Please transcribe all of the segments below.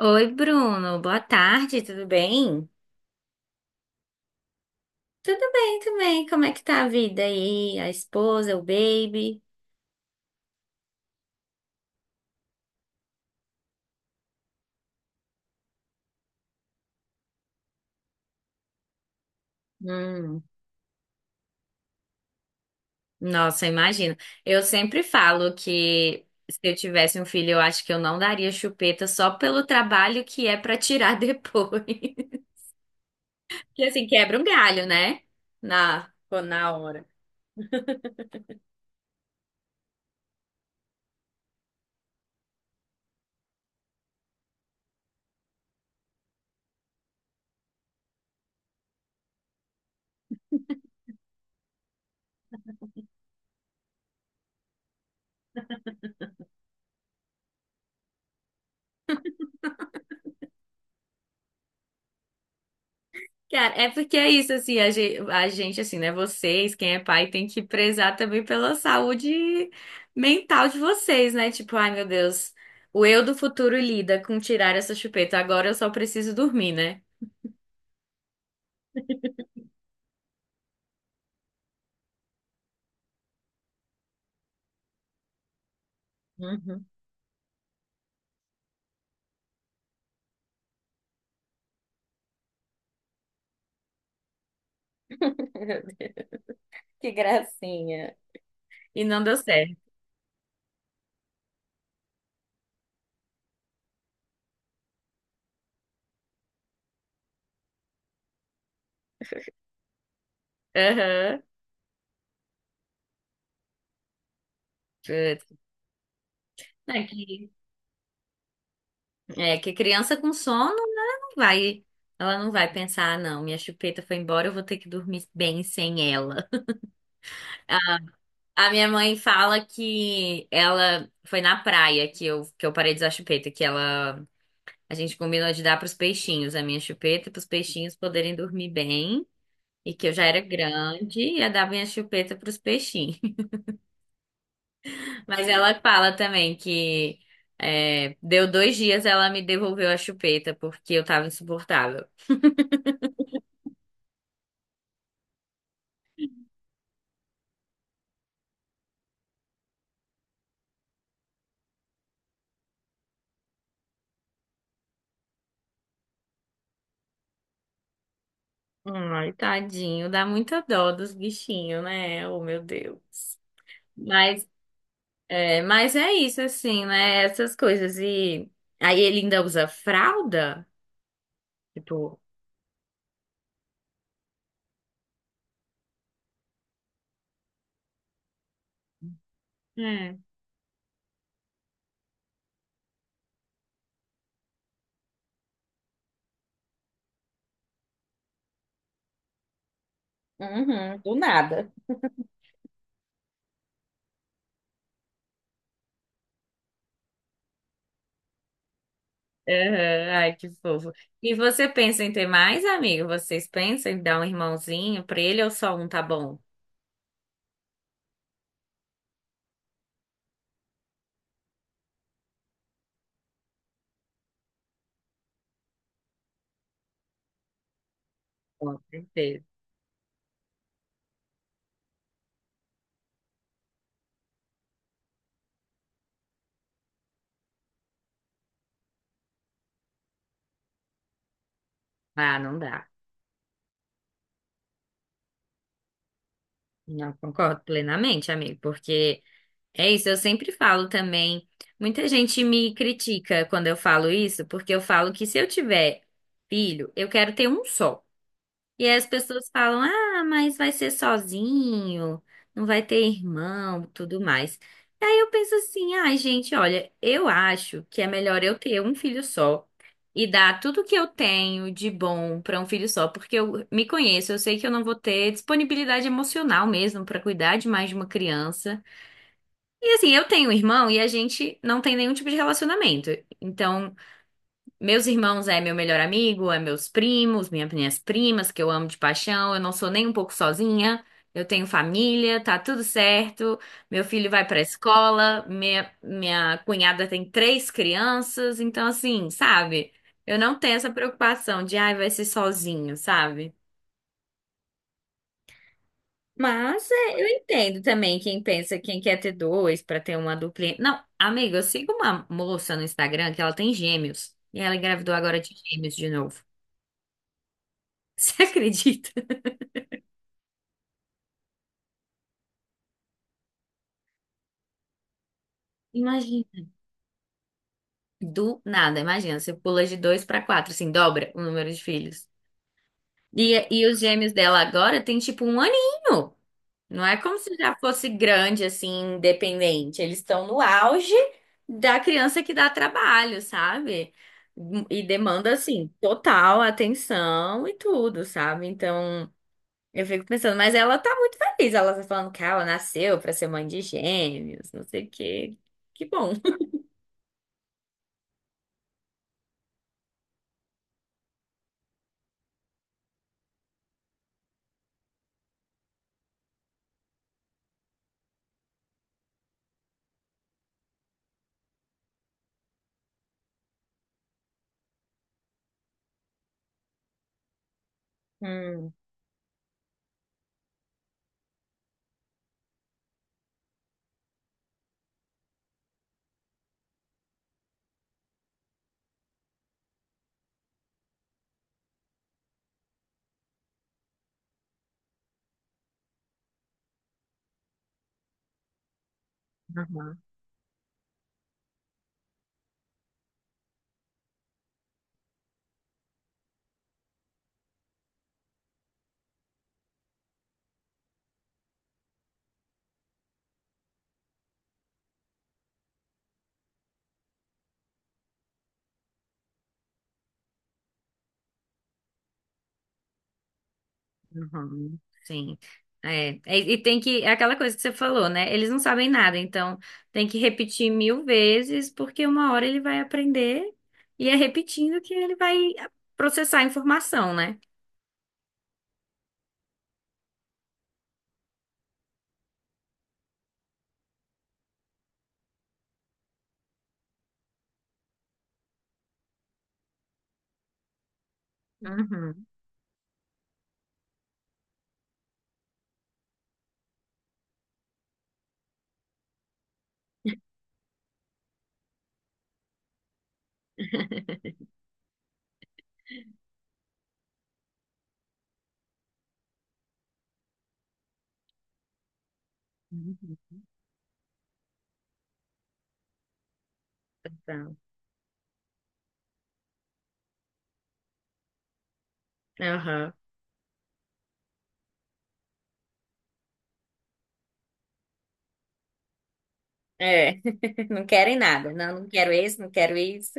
Oi, Bruno. Boa tarde, tudo bem? Tudo bem também. Como é que tá a vida aí? A esposa, o baby? Hum, nossa, imagino. Eu sempre falo que se eu tivesse um filho, eu acho que eu não daria chupeta só pelo trabalho que é pra tirar depois. Que assim, quebra um galho, né? Na, na hora. Cara, é porque é isso, assim, a gente, assim, né? Vocês, quem é pai, tem que prezar também pela saúde mental de vocês, né? Tipo, ai meu Deus, o eu do futuro lida com tirar essa chupeta, agora eu só preciso dormir, né? Uhum. Que gracinha. E não deu certo. Aham. Putz. É que, é que criança com sono, né? Não vai, ela não vai pensar, ah, não, minha chupeta foi embora, eu vou ter que dormir bem sem ela. A minha mãe fala que ela foi na praia que eu parei de usar chupeta, que ela a gente combinou de dar pros peixinhos a minha chupeta para os peixinhos poderem dormir bem e que eu já era grande e ia dar minha chupeta pros peixinhos. Mas ela fala também que deu 2 dias ela me devolveu a chupeta porque eu tava insuportável. Ai, tadinho, dá muita dó dos bichinhos, né? Oh, meu Deus. Mas mas é isso, assim, né? Essas coisas. E aí ele ainda usa fralda? Tipo. É. Uhum, do nada. Aham, ai, que fofo. E você pensa em ter mais, amigo? Vocês pensam em dar um irmãozinho pra ele ou só um tá bom? Com certeza. Ah, não dá. Não concordo plenamente, amigo, porque é isso, eu sempre falo também. Muita gente me critica quando eu falo isso, porque eu falo que se eu tiver filho, eu quero ter um só. E aí as pessoas falam: ah, mas vai ser sozinho, não vai ter irmão, tudo mais. E aí eu penso assim: ai, gente, olha, eu acho que é melhor eu ter um filho só e dar tudo que eu tenho de bom para um filho só, porque eu me conheço, eu sei que eu não vou ter disponibilidade emocional mesmo para cuidar de mais de uma criança. E assim, eu tenho um irmão e a gente não tem nenhum tipo de relacionamento. Então. Meus irmãos é meu melhor amigo, é meus primos, minhas primas, que eu amo de paixão. Eu não sou nem um pouco sozinha. Eu tenho família, tá tudo certo. Meu filho vai pra escola, minha cunhada tem três crianças. Então, assim, sabe? Eu não tenho essa preocupação de, ai, vai ser sozinho, sabe? Mas é, eu entendo também quem pensa, quem quer ter dois pra ter uma duplinha. Não, amiga, eu sigo uma moça no Instagram que ela tem gêmeos. E ela engravidou agora de gêmeos de novo. Você acredita? Imagina. Do nada, imagina, você pula de dois pra quatro, assim, dobra o número de filhos. E os gêmeos dela agora tem tipo um aninho. Não é como se já fosse grande, assim, independente. Eles estão no auge da criança que dá trabalho, sabe? E demanda, assim, total atenção e tudo, sabe? Então, eu fico pensando, mas ela tá muito feliz. Ela tá falando que ela nasceu pra ser mãe de gêmeos, não sei o quê. Que bom. Hum. Uhum, uhum, sim. É, e tem que, é aquela coisa que você falou, né? Eles não sabem nada, então tem que repetir mil vezes, porque uma hora ele vai aprender e é repetindo que ele vai processar a informação, né? Uhum, uhum. Então, aham. É, não querem nada. Não, não quero isso, não quero isso.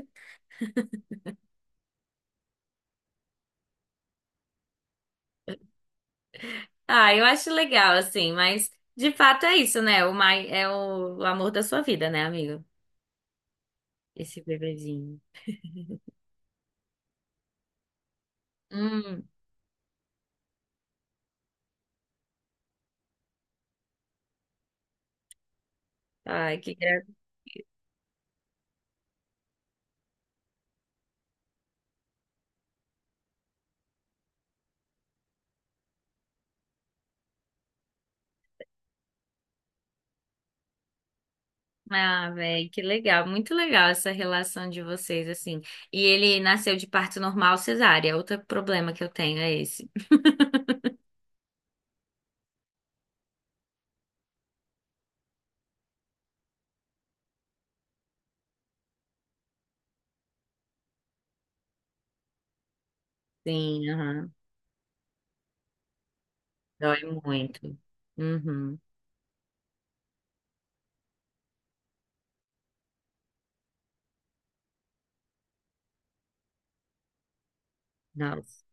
Ah, eu acho legal, assim, mas de fato é isso, né? O mais, é o amor da sua vida, né, amigo? Esse bebezinho. Hum, ai, que Ah, velho, que legal, muito legal essa relação de vocês, assim. E ele nasceu de parto normal cesárea, outro problema que eu tenho é esse. Sim, aham, dói muito. Uhum, nossa.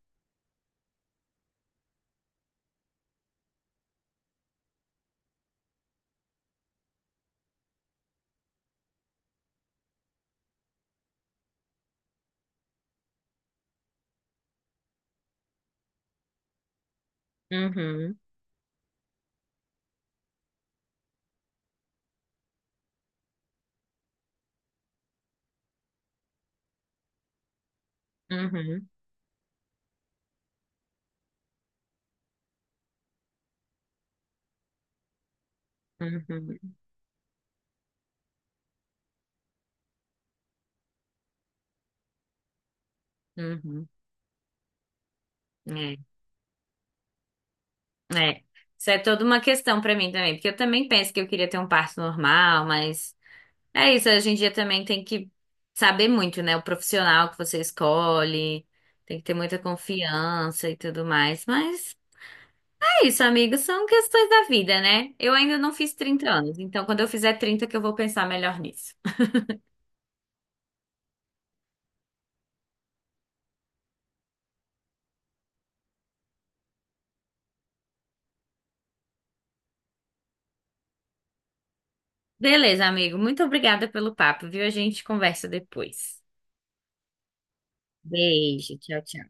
Uhum, uhum, uhum, uhum. É, é. Isso é toda uma questão pra mim também, porque eu também penso que eu queria ter um parto normal, mas é isso, hoje em dia também tem que saber muito, né? O profissional que você escolhe. Tem que ter muita confiança e tudo mais, mas É isso, amigo, são questões da vida, né? Eu ainda não fiz 30 anos, então quando eu fizer 30, que eu vou pensar melhor nisso. Beleza, amigo, muito obrigada pelo papo, viu? A gente conversa depois. Beijo, tchau, tchau.